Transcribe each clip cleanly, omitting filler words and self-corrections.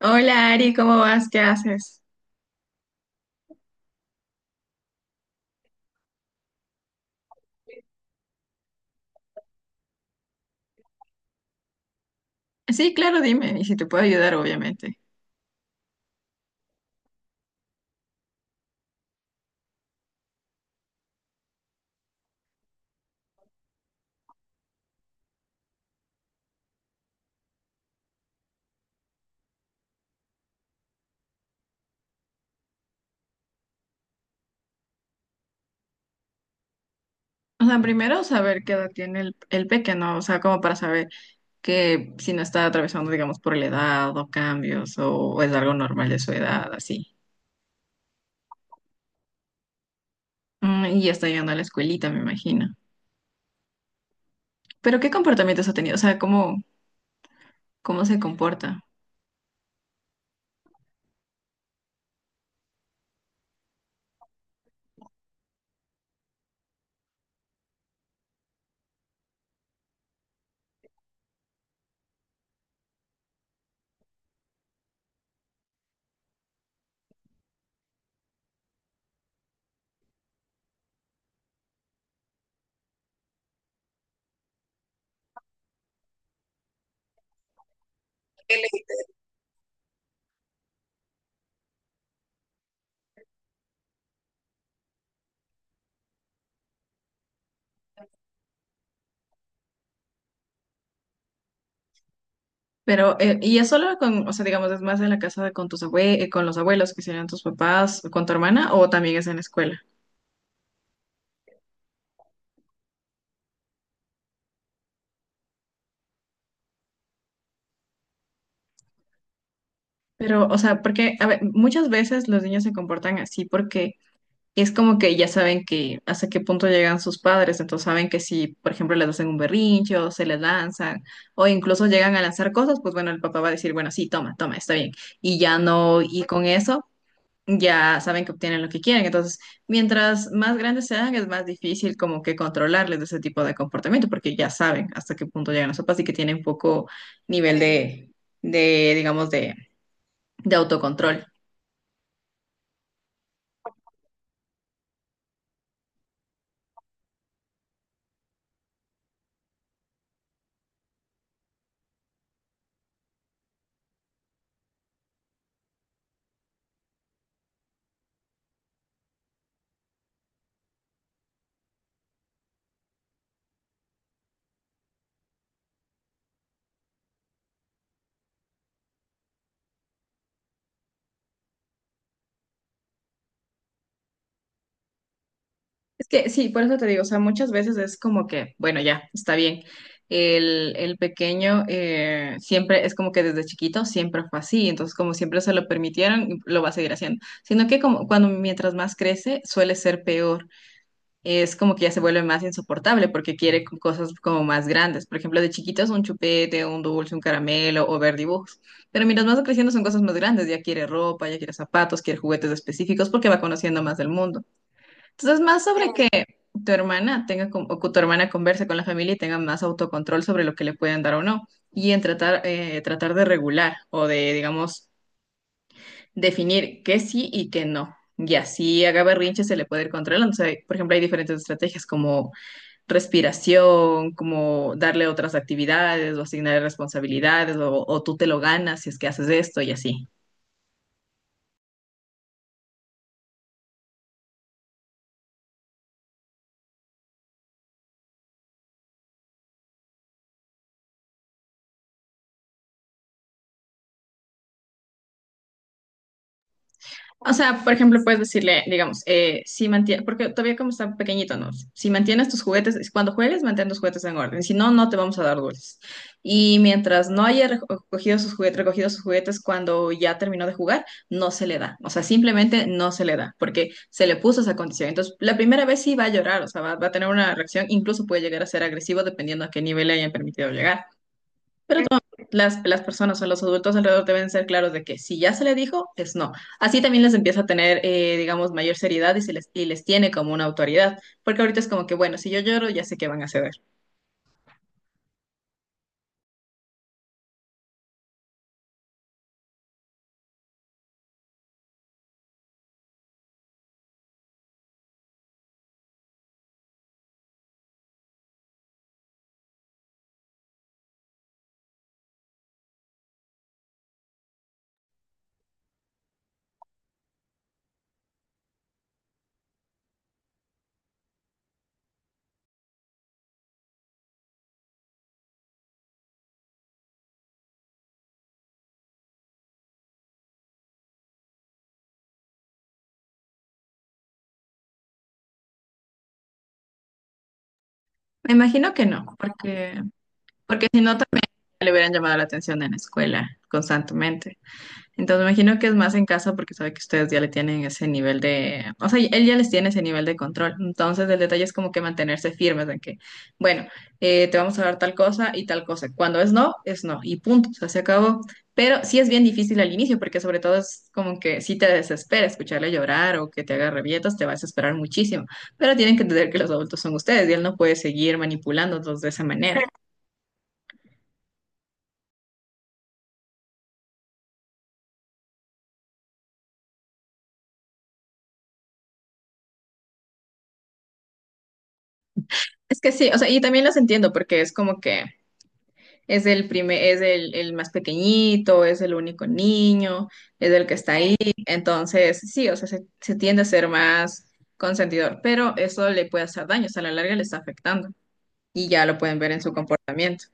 Hola, Ari, ¿cómo vas? ¿Qué haces? Sí, claro, dime, y si te puedo ayudar, obviamente. O sea, primero saber qué edad tiene el pequeño, o sea, como para saber que si no está atravesando, digamos, por la edad o cambios o es algo normal de su edad, así. Mm, y ya está llegando a la escuelita, me imagino. Pero ¿qué comportamientos ha tenido? O sea, ¿cómo se comporta? Pero, y es solo con, o sea, digamos, es más en la casa de, con tus con los abuelos, que serían tus papás, o con tu hermana, o también es en la escuela. Pero, o sea, porque, a ver, muchas veces los niños se comportan así porque es como que ya saben que hasta qué punto llegan sus padres, entonces saben que si, por ejemplo, les hacen un berrinche o se les lanzan, o incluso llegan a lanzar cosas, pues bueno, el papá va a decir, bueno, sí, toma, toma, está bien. Y ya no, y con eso. Ya saben que obtienen lo que quieren. Entonces, mientras más grandes sean, es más difícil como que controlarles de ese tipo de comportamiento, porque ya saben hasta qué punto llegan las sopas y que tienen poco nivel de digamos, de autocontrol. Es que sí, por eso te digo, o sea, muchas veces es como que, bueno, ya, está bien. El pequeño, siempre es como que desde chiquito siempre fue así, entonces como siempre se lo permitieron, lo va a seguir haciendo, sino que como cuando mientras más crece suele ser peor, es como que ya se vuelve más insoportable porque quiere cosas como más grandes. Por ejemplo, de chiquitos un chupete, un dulce, un caramelo o ver dibujos. Pero mientras más va creciendo son cosas más grandes. Ya quiere ropa, ya quiere zapatos, quiere juguetes específicos porque va conociendo más del mundo. Entonces, más sobre que tu hermana tenga o que tu hermana converse con la familia y tenga más autocontrol sobre lo que le pueden dar o no. Y en tratar, tratar de regular o de, digamos, definir qué sí y qué no. Y así haga berrinche se le puede ir controlando. O sea, por ejemplo, hay diferentes estrategias como respiración, como darle otras actividades o asignar responsabilidades o tú te lo ganas si es que haces esto y así. O sea, por ejemplo, puedes decirle, digamos, si mantienes, porque todavía como está pequeñito, ¿no? Si mantienes tus juguetes, cuando juegues, mantén tus juguetes en orden, si no, no te vamos a dar dulces. Y mientras no haya recogido sus juguetes cuando ya terminó de jugar, no se le da. O sea, simplemente no se le da, porque se le puso esa condición. Entonces, la primera vez sí va a llorar, o sea, va a tener una reacción, incluso puede llegar a ser agresivo dependiendo a qué nivel le hayan permitido llegar las personas o los adultos alrededor deben ser claros de que si ya se le dijo, es no. Así también les empieza a tener, digamos, mayor seriedad y, y les tiene como una autoridad, porque ahorita es como que, bueno, si yo lloro, ya sé que van a ceder. Me imagino que no, porque, porque si no, también le hubieran llamado la atención en la escuela constantemente. Entonces, me imagino que es más en casa porque sabe que ustedes ya le tienen ese nivel de, o sea, él ya les tiene ese nivel de control. Entonces, el detalle es como que mantenerse firmes en que, bueno, te vamos a dar tal cosa y tal cosa. Cuando es no y punto, o sea, se acabó. Pero sí es bien difícil al inicio porque sobre todo es como que si te desespera escucharle llorar o que te haga rabietas, te va a desesperar muchísimo. Pero tienen que entender que los adultos son ustedes y él no puede seguir manipulándolos de esa manera. Es que sí, o sea, y también los entiendo porque es como que... Es el primer, es el más pequeñito, es el único niño, es el que está ahí. Entonces, sí, o sea, se tiende a ser más consentidor, pero eso le puede hacer daño, o sea, a la larga le está afectando y ya lo pueden ver en su comportamiento.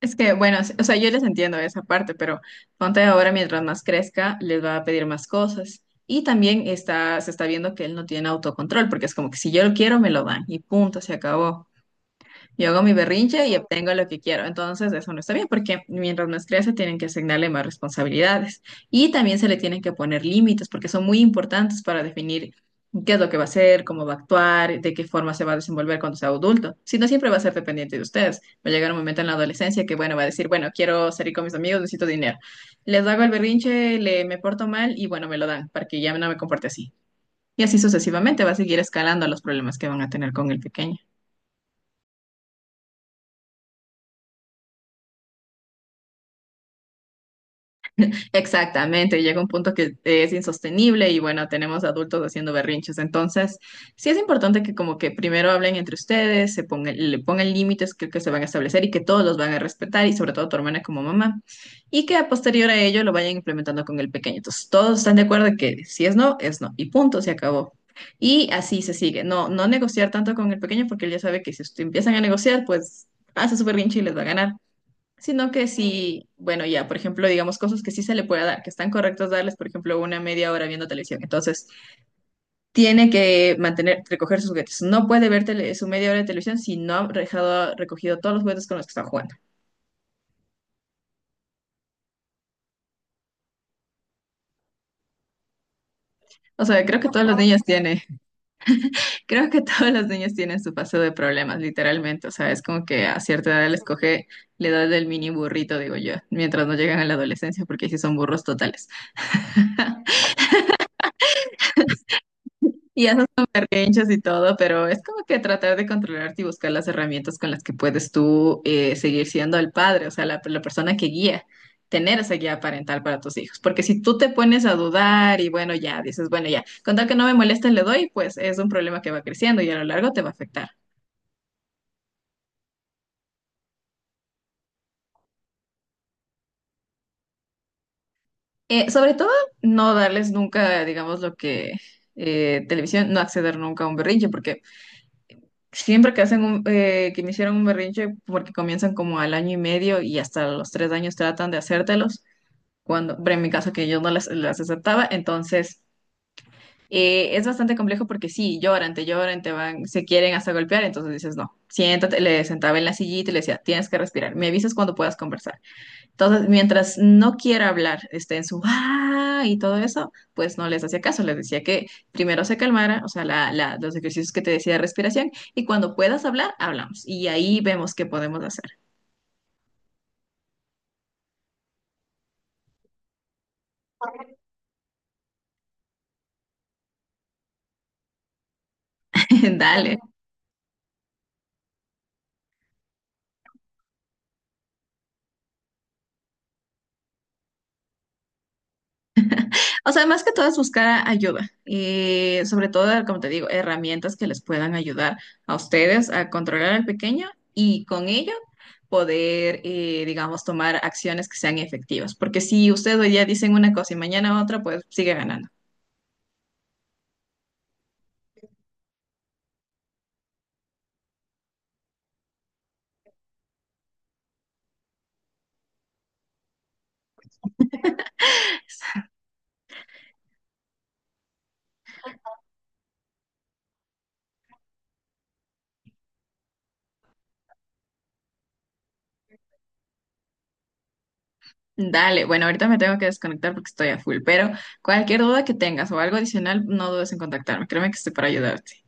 Es que, bueno, o sea, yo les entiendo esa parte, pero ponte ahora, mientras más crezca, les va a pedir más cosas. Y también está, se está viendo que él no tiene autocontrol, porque es como que si yo lo quiero, me lo dan y punto, se acabó. Yo hago mi berrinche y obtengo lo que quiero. Entonces, eso no está bien porque mientras más crece, tienen que asignarle más responsabilidades y también se le tienen que poner límites porque son muy importantes para definir qué es lo que va a hacer, cómo va a actuar, de qué forma se va a desenvolver cuando sea adulto. Si no, siempre va a ser dependiente de ustedes. Va a llegar un momento en la adolescencia que, bueno, va a decir, bueno, quiero salir con mis amigos, necesito dinero. Les hago el berrinche, me porto mal y, bueno, me lo dan para que ya no me comporte así. Y así sucesivamente va a seguir escalando los problemas que van a tener con el pequeño. Exactamente, llega un punto que es insostenible y bueno, tenemos adultos haciendo berrinches. Entonces, sí es importante que como que primero hablen entre ustedes, se pongan, le pongan límites que se van a establecer y que todos los van a respetar y sobre todo tu hermana como mamá y que a posterior a ello lo vayan implementando con el pequeño. Entonces, todos están de acuerdo en que si es no, es no y punto, se acabó. Y así se sigue. No negociar tanto con el pequeño porque él ya sabe que si empiezan a negociar, pues hace su berrinche y les va a ganar. Sino que sí, bueno, ya, por ejemplo, digamos cosas que sí se le puede dar, que están correctos darles, por ejemplo, una media hora viendo televisión. Entonces, tiene que mantener, recoger sus juguetes. No puede ver su media hora de televisión si no ha dejado, recogido todos los juguetes con los que está jugando. O sea, creo que todos los niños tienen, creo que todos los niños tienen su paso de problemas, literalmente. O sea, es como que a cierta edad les coge la edad del mini burrito, digo yo, mientras no llegan a la adolescencia, porque sí son burros totales. Y haces tus berrinches y todo, pero es como que tratar de controlarte y buscar las herramientas con las que puedes tú, seguir siendo el padre, o sea, la persona que guía, tener esa guía parental para tus hijos. Porque si tú te pones a dudar y bueno, ya dices, bueno, ya, con tal que no me moleste le doy, pues es un problema que va creciendo y a lo largo te va a afectar. Sobre todo, no darles nunca, digamos, lo que televisión, no acceder nunca a un berrinche, porque siempre que hacen un, que me hicieron un berrinche, porque comienzan como al año y medio y hasta los 3 años tratan de hacértelos, cuando, pero en mi caso que yo no las aceptaba, entonces es bastante complejo porque sí, lloran, te van, se quieren hasta golpear, entonces dices no, siéntate, le sentaba en la sillita y le decía, tienes que respirar, me avisas cuando puedas conversar. Entonces, mientras no quiera hablar, esté en su ¡ah! Y todo eso, pues no les hacía caso. Les decía que primero se calmara, o sea, los ejercicios que te decía de respiración, y cuando puedas hablar, hablamos. Y ahí vemos qué podemos hacer. Dale. O sea, más que todo es buscar ayuda. Y sobre todo, como te digo, herramientas que les puedan ayudar a ustedes a controlar al pequeño y con ello poder, digamos, tomar acciones que sean efectivas. Porque si ustedes hoy día dicen una cosa y mañana otra, pues sigue ganando. Dale, bueno, ahorita me tengo que desconectar porque estoy a full, pero cualquier duda que tengas o algo adicional, no dudes en contactarme. Créeme que estoy para ayudarte.